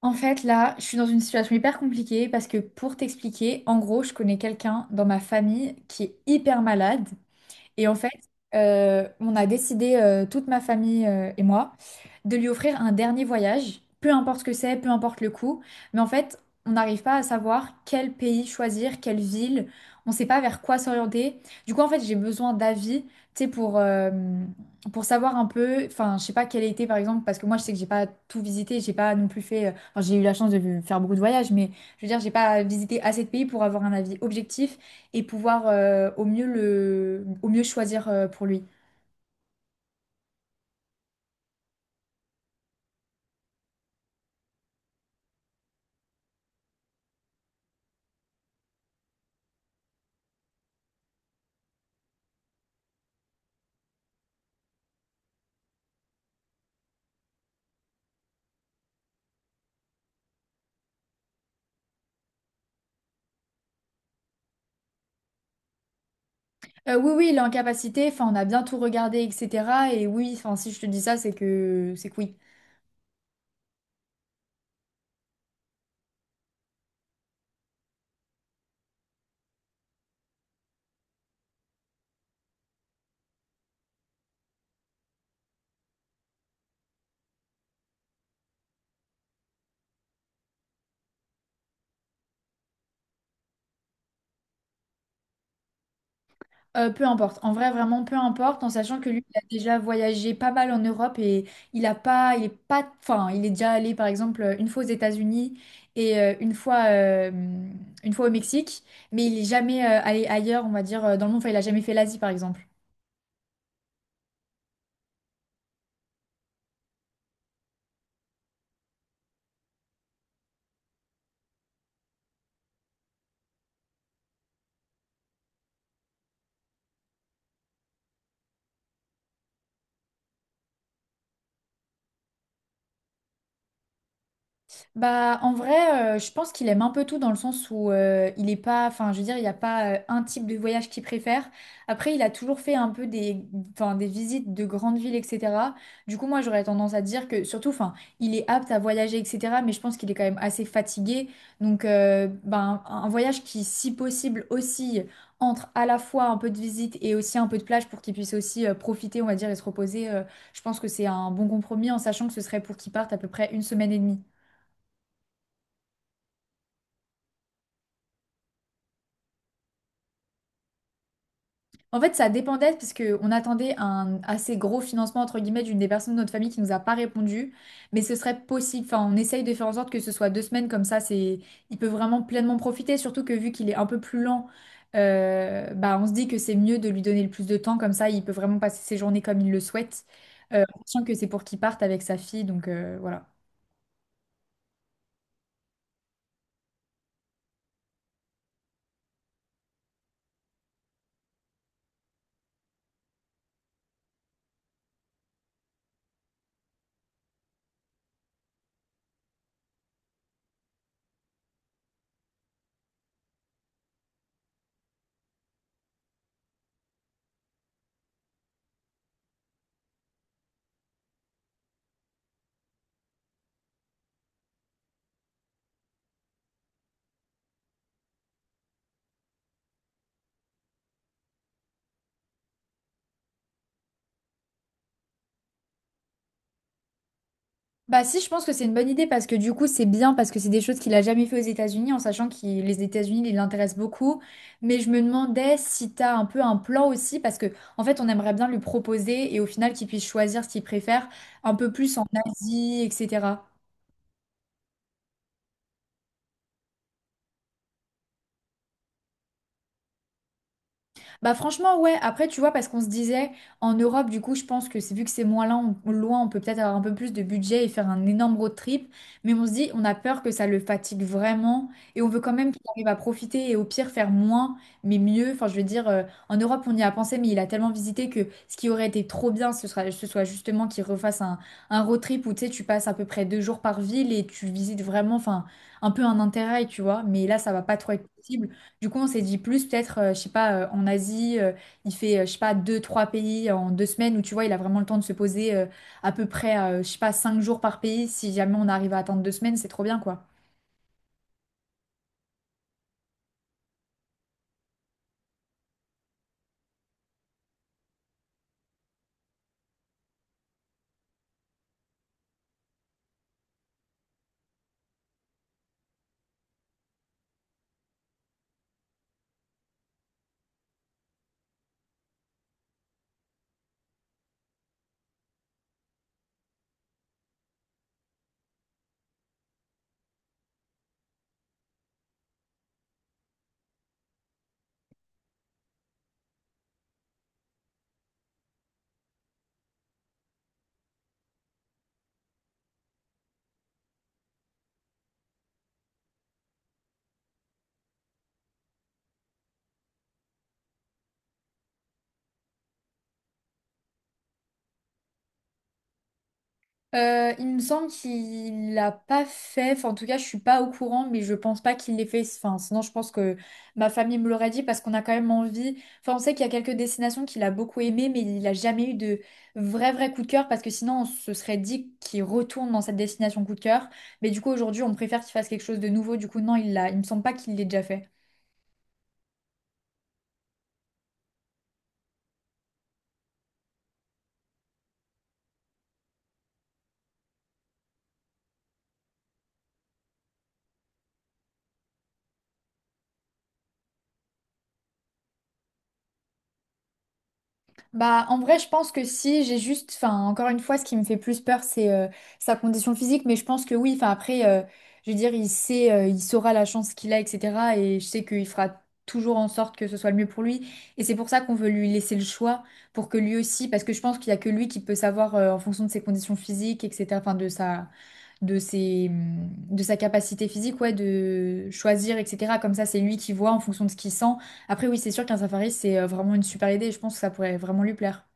En fait, là, je suis dans une situation hyper compliquée parce que pour t'expliquer, en gros, je connais quelqu'un dans ma famille qui est hyper malade et en fait, on a décidé, toute ma famille et moi, de lui offrir un dernier voyage, peu importe ce que c'est, peu importe le coût. Mais en fait, on n'arrive pas à savoir quel pays choisir, quelle ville. On ne sait pas vers quoi s'orienter. Du coup, en fait, j'ai besoin d'avis, tu sais, pour savoir un peu, enfin, je sais pas quel été, par exemple, parce que moi, je sais que j'ai pas tout visité, j'ai pas non plus fait, enfin, j'ai eu la chance de faire beaucoup de voyages, mais je veux dire, j'ai pas visité assez de pays pour avoir un avis objectif et pouvoir au mieux le, au mieux choisir pour lui. Oui, oui, il est en capacité, enfin, on a bien tout regardé, etc. Et oui, enfin, si je te dis ça, c'est que oui. Peu importe, en vrai, vraiment, peu importe, en sachant que lui, il a déjà voyagé pas mal en Europe et il a pas, il est pas, enfin, il est déjà allé, par exemple, une fois aux États-Unis et une fois au Mexique, mais il est jamais allé ailleurs, on va dire, dans le monde, enfin, il a jamais fait l'Asie, par exemple. Bah, en vrai, je pense qu'il aime un peu tout dans le sens où il est pas, enfin, je veux dire, il n'y a pas un type de voyage qu'il préfère. Après, il a toujours fait un peu des, enfin, des visites de grandes villes, etc. Du coup, moi, j'aurais tendance à dire que, surtout, enfin, il est apte à voyager, etc. Mais je pense qu'il est quand même assez fatigué. Donc, ben, un voyage qui, si possible, aussi entre à la fois un peu de visite et aussi un peu de plage pour qu'il puisse aussi profiter, on va dire, et se reposer. Je pense que c'est un bon compromis en sachant que ce serait pour qu'il parte à peu près une semaine et demie. En fait, ça dépendait parce que on attendait un assez gros financement entre guillemets d'une des personnes de notre famille qui nous a pas répondu, mais ce serait possible. Enfin, on essaye de faire en sorte que ce soit deux semaines comme ça, c'est, il peut vraiment pleinement profiter. Surtout que vu qu'il est un peu plus lent, bah on se dit que c'est mieux de lui donner le plus de temps comme ça, il peut vraiment passer ses journées comme il le souhaite, en sachant que c'est pour qu'il parte avec sa fille, donc voilà. Bah si, je pense que c'est une bonne idée parce que du coup c'est bien parce que c'est des choses qu'il a jamais fait aux États-Unis en sachant que les États-Unis ils l'intéressent beaucoup. Mais je me demandais si t'as un peu un plan aussi parce que en fait on aimerait bien lui proposer et au final qu'il puisse choisir ce qu'il préfère un peu plus en Asie, etc. Bah franchement, ouais, après, tu vois, parce qu'on se disait, en Europe, du coup, je pense que c'est vu que c'est moins loin, on, loin, on peut peut-être avoir un peu plus de budget et faire un énorme road trip, mais on se dit, on a peur que ça le fatigue vraiment, et on veut quand même qu'il arrive à profiter et au pire faire moins, mais mieux. Enfin, je veux dire, en Europe, on y a pensé, mais il a tellement visité que ce qui aurait été trop bien, ce sera, ce soit justement qu'il refasse un road trip où, tu sais, tu passes à peu près deux jours par ville et tu visites vraiment, enfin, un peu un intérêt, tu vois, mais là, ça va pas trop être possible. Du coup, on s'est dit plus, peut-être, je sais pas, en Asie, il fait, je sais pas, deux, trois pays en deux semaines où tu vois, il a vraiment le temps de se poser à peu près, je sais pas, cinq jours par pays. Si jamais on arrive à atteindre deux semaines, c'est trop bien, quoi. Il me semble qu'il l'a pas fait. Enfin, en tout cas, je suis pas au courant, mais je pense pas qu'il l'ait fait. Enfin, sinon, je pense que ma famille me l'aurait dit parce qu'on a quand même envie. Enfin, on sait qu'il y a quelques destinations qu'il a beaucoup aimées, mais il a jamais eu de vrai coup de cœur parce que sinon, on se serait dit qu'il retourne dans cette destination coup de cœur. Mais du coup, aujourd'hui, on préfère qu'il fasse quelque chose de nouveau. Du coup, non, il l'a. Il me semble pas qu'il l'ait déjà fait. Bah, en vrai, je pense que si j'ai juste, enfin, encore une fois, ce qui me fait plus peur, c'est sa condition physique, mais je pense que oui, enfin, après, je veux dire, il sait, il saura la chance qu'il a, etc. Et je sais qu'il fera toujours en sorte que ce soit le mieux pour lui. Et c'est pour ça qu'on veut lui laisser le choix, pour que lui aussi, parce que je pense qu'il y a que lui qui peut savoir, en fonction de ses conditions physiques, etc., enfin, de sa, de ses, de sa capacité physique, ouais, de choisir, etc. Comme ça, c'est lui qui voit en fonction de ce qu'il sent. Après, oui, c'est sûr qu'un safari, c'est vraiment une super idée. Je pense que ça pourrait vraiment lui plaire.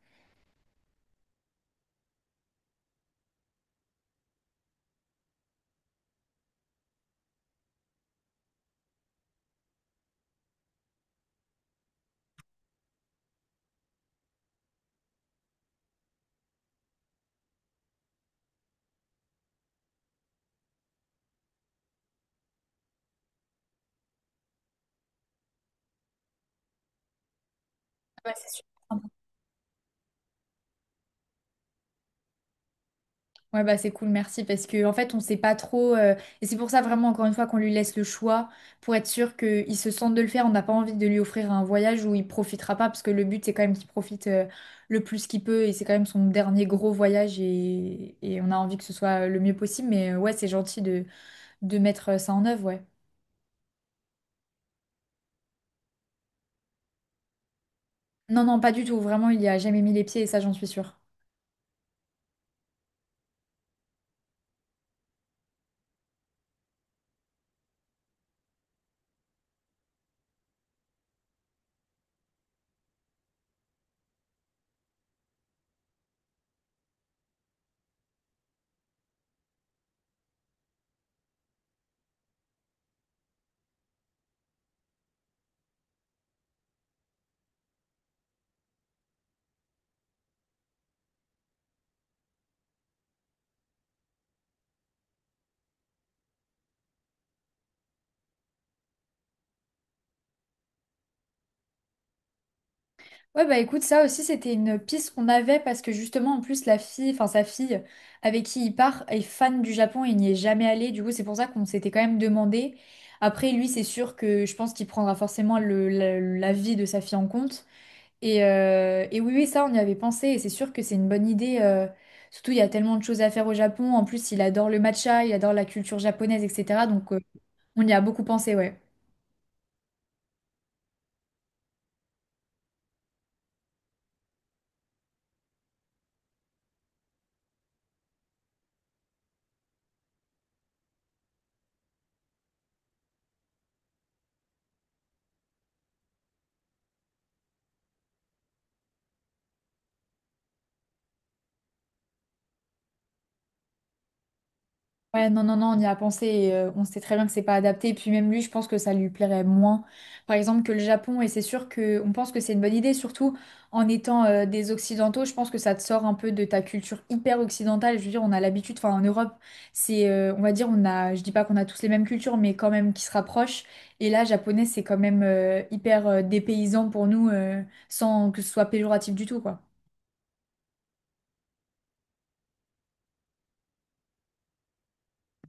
Ouais, c'est sûr. Ouais, bah c'est cool, merci, parce que en fait, on sait pas trop. Et c'est pour ça, vraiment, encore une fois, qu'on lui laisse le choix pour être sûr qu'il se sente de le faire. On n'a pas envie de lui offrir un voyage où il profitera pas, parce que le but, c'est quand même qu'il profite le plus qu'il peut. Et c'est quand même son dernier gros voyage, et on a envie que ce soit le mieux possible. Mais ouais, c'est gentil de mettre ça en œuvre, ouais. Non, non, pas du tout. Vraiment, il y a jamais mis les pieds et ça, j'en suis sûre. Ouais, bah écoute, ça aussi, c'était une piste qu'on avait parce que justement, en plus, la fille, enfin sa fille avec qui il part est fan du Japon et il n'y est jamais allé. Du coup, c'est pour ça qu'on s'était quand même demandé. Après, lui, c'est sûr que je pense qu'il prendra forcément le, la, l'avis de sa fille en compte. Et oui, oui, ça, on y avait pensé et c'est sûr que c'est une bonne idée. Surtout, il y a tellement de choses à faire au Japon. En plus, il adore le matcha, il adore la culture japonaise, etc. Donc, on y a beaucoup pensé, ouais. Ouais, non, non, non, on y a pensé et on sait très bien que c'est pas adapté. Et puis même lui, je pense que ça lui plairait moins, par exemple, que le Japon. Et c'est sûr que on pense que c'est une bonne idée, surtout en étant des Occidentaux. Je pense que ça te sort un peu de ta culture hyper occidentale. Je veux dire, on a l'habitude, enfin en Europe, c'est, on va dire, on a, je dis pas qu'on a tous les mêmes cultures, mais quand même qui se rapprochent. Et là, japonais, c'est quand même hyper dépaysant pour nous, sans que ce soit péjoratif du tout, quoi.